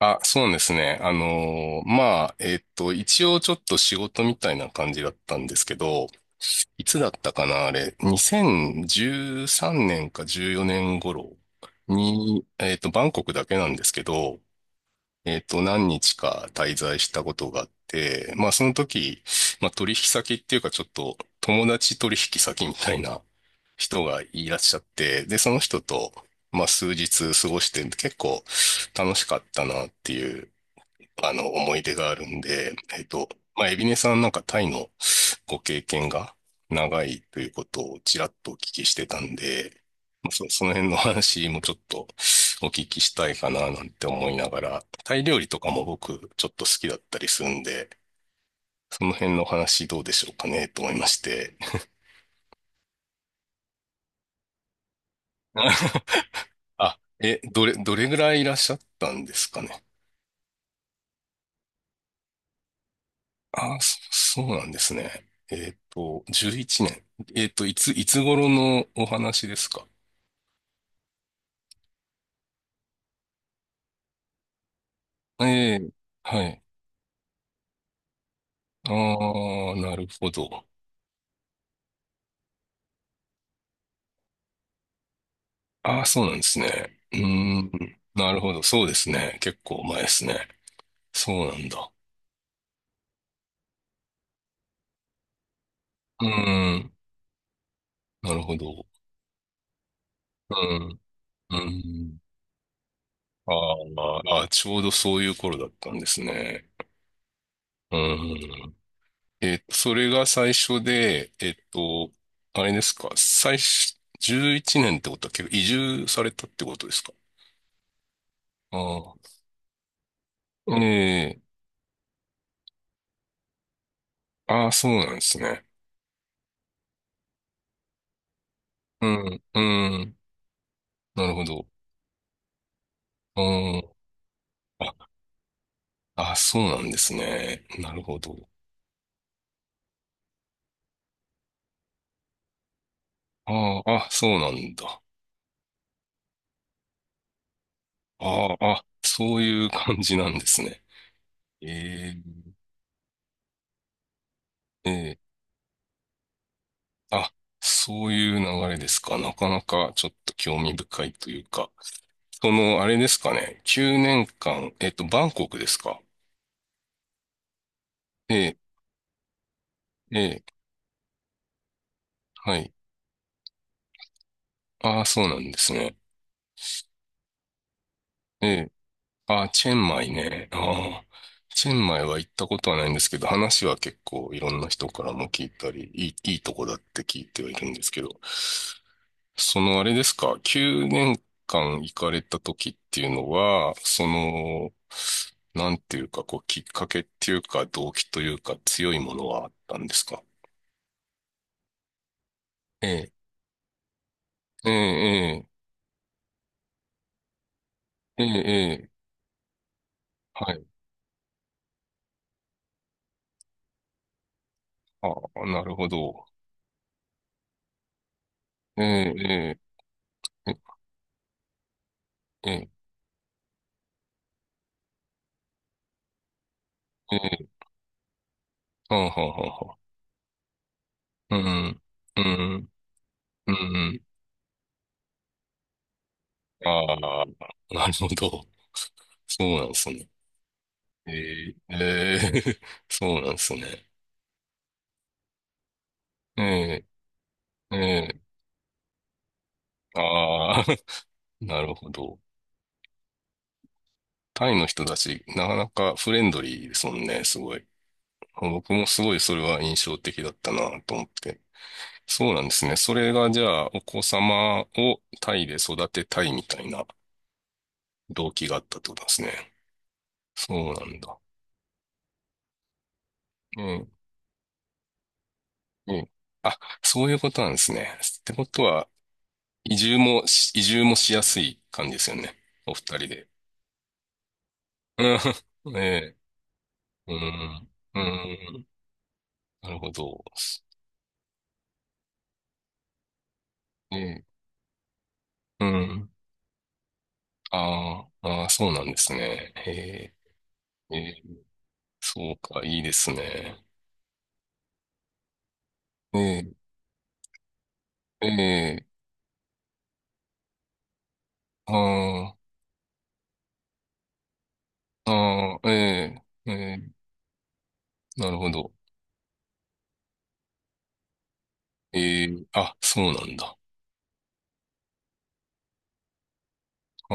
あ、そうなんですね。一応ちょっと仕事みたいな感じだったんですけど、いつだったかな、あれ、2013年か14年頃に、バンコクだけなんですけど、何日か滞在したことがあって、まあ、その時、まあ、取引先っていうか、ちょっと友達取引先みたいな人がいらっしゃって、で、その人と、まあ、数日過ごして、結構楽しかったなっていうあの、思い出があるんで、まあ、エビネさんなんかタイのご経験が長いということをちらっとお聞きしてたんで、その辺の話もちょっとお聞きしたいかななんて思いながら、タイ料理とかも僕ちょっと好きだったりするんで、その辺の話どうでしょうかねと思いまして。あ、え、どれ、どれぐらいいらっしゃったんですかね？あ、そうなんですね。11年。いつ頃のお話ですか？ええ、はい。ああ、なるほど。ああ、そうなんですね。うーん、なるほど。そうですね。結構前ですね。そうなんだ。うーん、なるほど。うん、うん。あーあー、ちょうどそういう頃だったんですね。うん。それが最初で、あれですか、最初、11年ってことは結構移住されたってことですか？ああ。ええああ、そうなんですね。うん、うん、なるほど。うん、あ、あ、そうなんですね。なるほど。ああ、あ、そうなんだ。ああ、あ、そういう感じなんですね。ええええあ、そういう流れですか。なかなかちょっと興味深いというか。その、あれですかね。9年間、バンコクですか？ええ、ええ、はい。ああ、そうなんですね。ええ、ああ、チェンマイね。ああ、チェンマイは行ったことはないんですけど、話は結構いろんな人からも聞いたり、いいとこだって聞いてはいるんですけど。そのあれですか、9年間行かれた時っていうのは、その、なんていうか、こう、きっかけっていうか、動機というか、強いものはあったんですか？ええ、ええ、ええ、ええ、ええはい。ああ、なるほど。ええ、ええ、ええ、ええ、はんはんはんはうん、うん、うん、うんああ、なるほど。そうなんですね。ええ、ええ、そうなんですね。ええ、ええああ、なるほど。タイの人たち、なかなかフレンドリーですもんね、すごい。僕もすごいそれは印象的だったなと思って。そうなんですね。それがじゃあ、お子様をタイで育てたいみたいな動機があったってことですね。そうなんだ。うん、うん。あ、そういうことなんですね。ってことは、移住もしやすい感じですよね。お二人で。うん、ねえ。うん、うん、なるほど。うえうん。あーあー、そうなんですね。えー、えーそうか、いいですね。えー、えー、あーあー、えー、えー、なるほど。えー、あ、そうなんだ。あ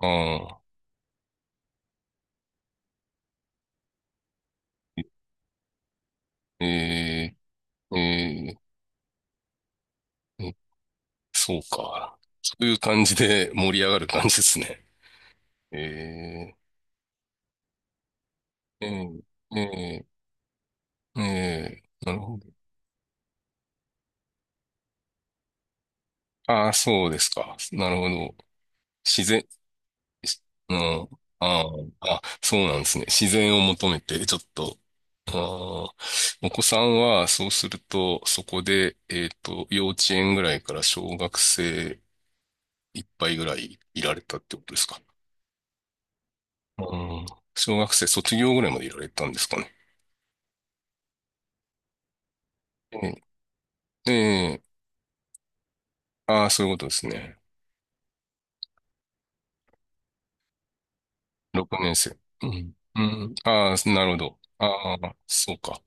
ーあー、えー、えー、えそうか。そういう感じで盛り上がる感じですね。えー、えー、えー、えー、なるほど。ああ、そうですか。なるほど。自然、うん。あーあ、そうなんですね。自然を求めて、ちょっと。あーお子さんは、そうすると、そこで、幼稚園ぐらいから小学生いっぱいぐらいいられたってことですか？うん。小学生卒業ぐらいまでいられたんですかね？ええ、ええああ、そういうことですね。6年生。うん。うん。ああ、なるほど。ああ、そうか。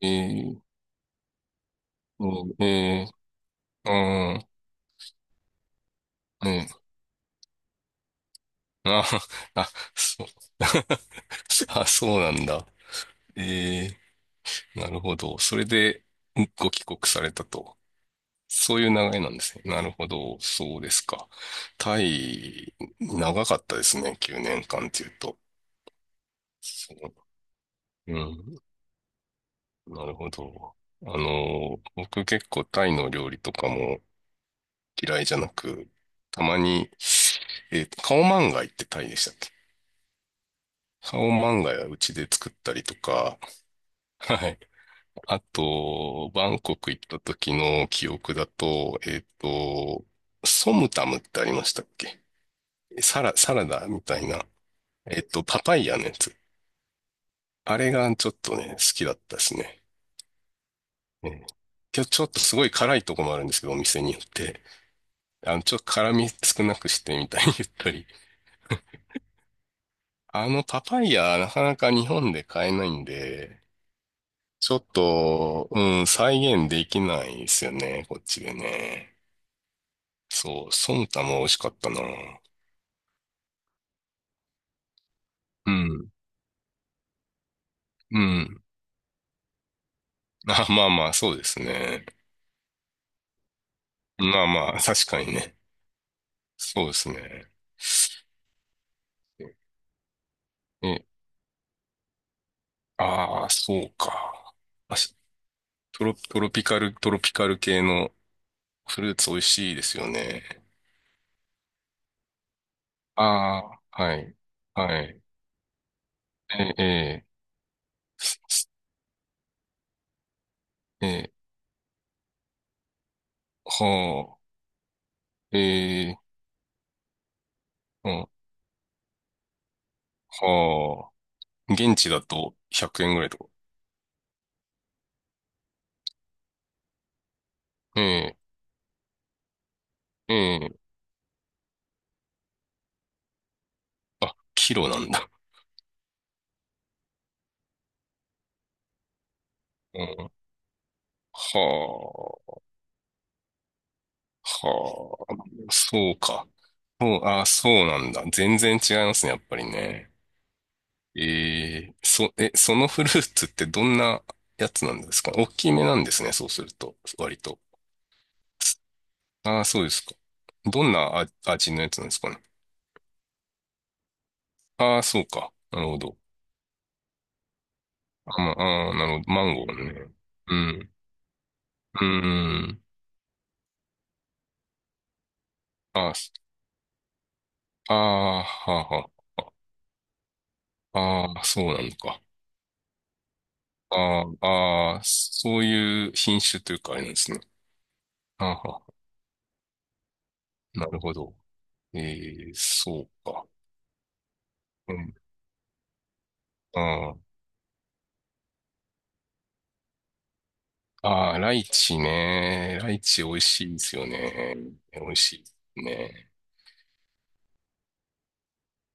ええ、うんええ、うん、ええ、ああ、あ、そう。あ、そうなんだ。ええ、なるほど。それで、ご帰国されたと。そういう流れなんですね。なるほど。そうですか。タイ、長かったですね。9年間っていうと。そう。うん。なるほど。あの、僕結構タイの料理とかも嫌いじゃなく、たまに、カオマンガイってタイでしたっけ？カオマンガイはうちで作ったりとか、はい。あと、バンコク行った時の記憶だと、ソムタムってありましたっけ？サラダみたいな、パパイヤのやつ。あれがちょっとね、好きだったですね。うんちょっとすごい辛いとこもあるんですけど、お店によって。あの、ちょっと辛み少なくしてみたいに 言ったり。あの、パパイヤ、なかなか日本で買えないんで、ちょっと、うん、再現できないですよね、こっちでね。そう、ソムタも美味しかったな。うん。うん。あ、まあまあ、そうですね。まあまあ、確かにね。そうですね。え、ああ、そうか。あ、しトロ、トロピカル、トロピカル系のフルーツ美味しいですよね。ああ、はい。はい。え、え、すすえ、はあ、えー、うん、はあ。現地だと100円ぐらいとか。ええ、ええ、キロなんだ。うん、はあ。はあ、そうか。そう、あ、そうなんだ。全然違いますね、やっぱりね。そのフルーツってどんなやつなんですか？大きめなんですね、そうすると。割と。ああ、そうですか。どんなあ味のやつなんですかね？ああ、そうか。なるほど。あ、まああなるほど。マンゴーね。うん。うん。ああ、すああ、はあ、はあ。ああ、そうなのか。ああ、ああ、そういう品種というかあれなんですね。はあはあなるほど。えー、そうか。うん。あーあー、ああライチね。ライチ美味しいですよね。美味しいですね。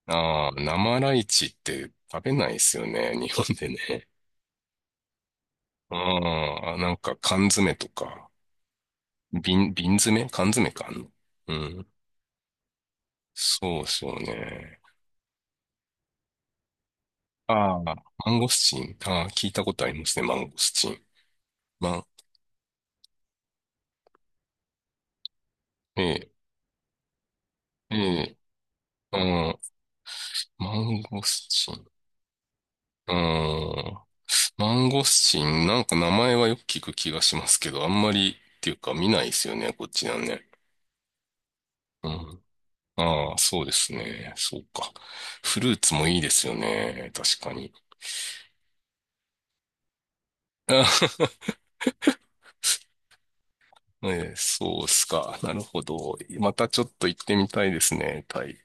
ああ、生ライチって食べないですよね。日本でね。ああ、なんか缶詰とか、瓶詰缶詰かあんの。うん。そうですよね。ああ、マンゴスチン。ああ、聞いたことありますね。マンゴスチン。ま、ええ、ええ、うん。マンゴスチン。うん。マンゴスチン、なんか名前はよく聞く気がしますけど、あんまりっていうか見ないですよね、こっちなんね。うん。ああ、そうですね。そうか。フルーツもいいですよね。確かに。あ、えーそうっすか。なるほど。またちょっと行ってみたいですね、タイ。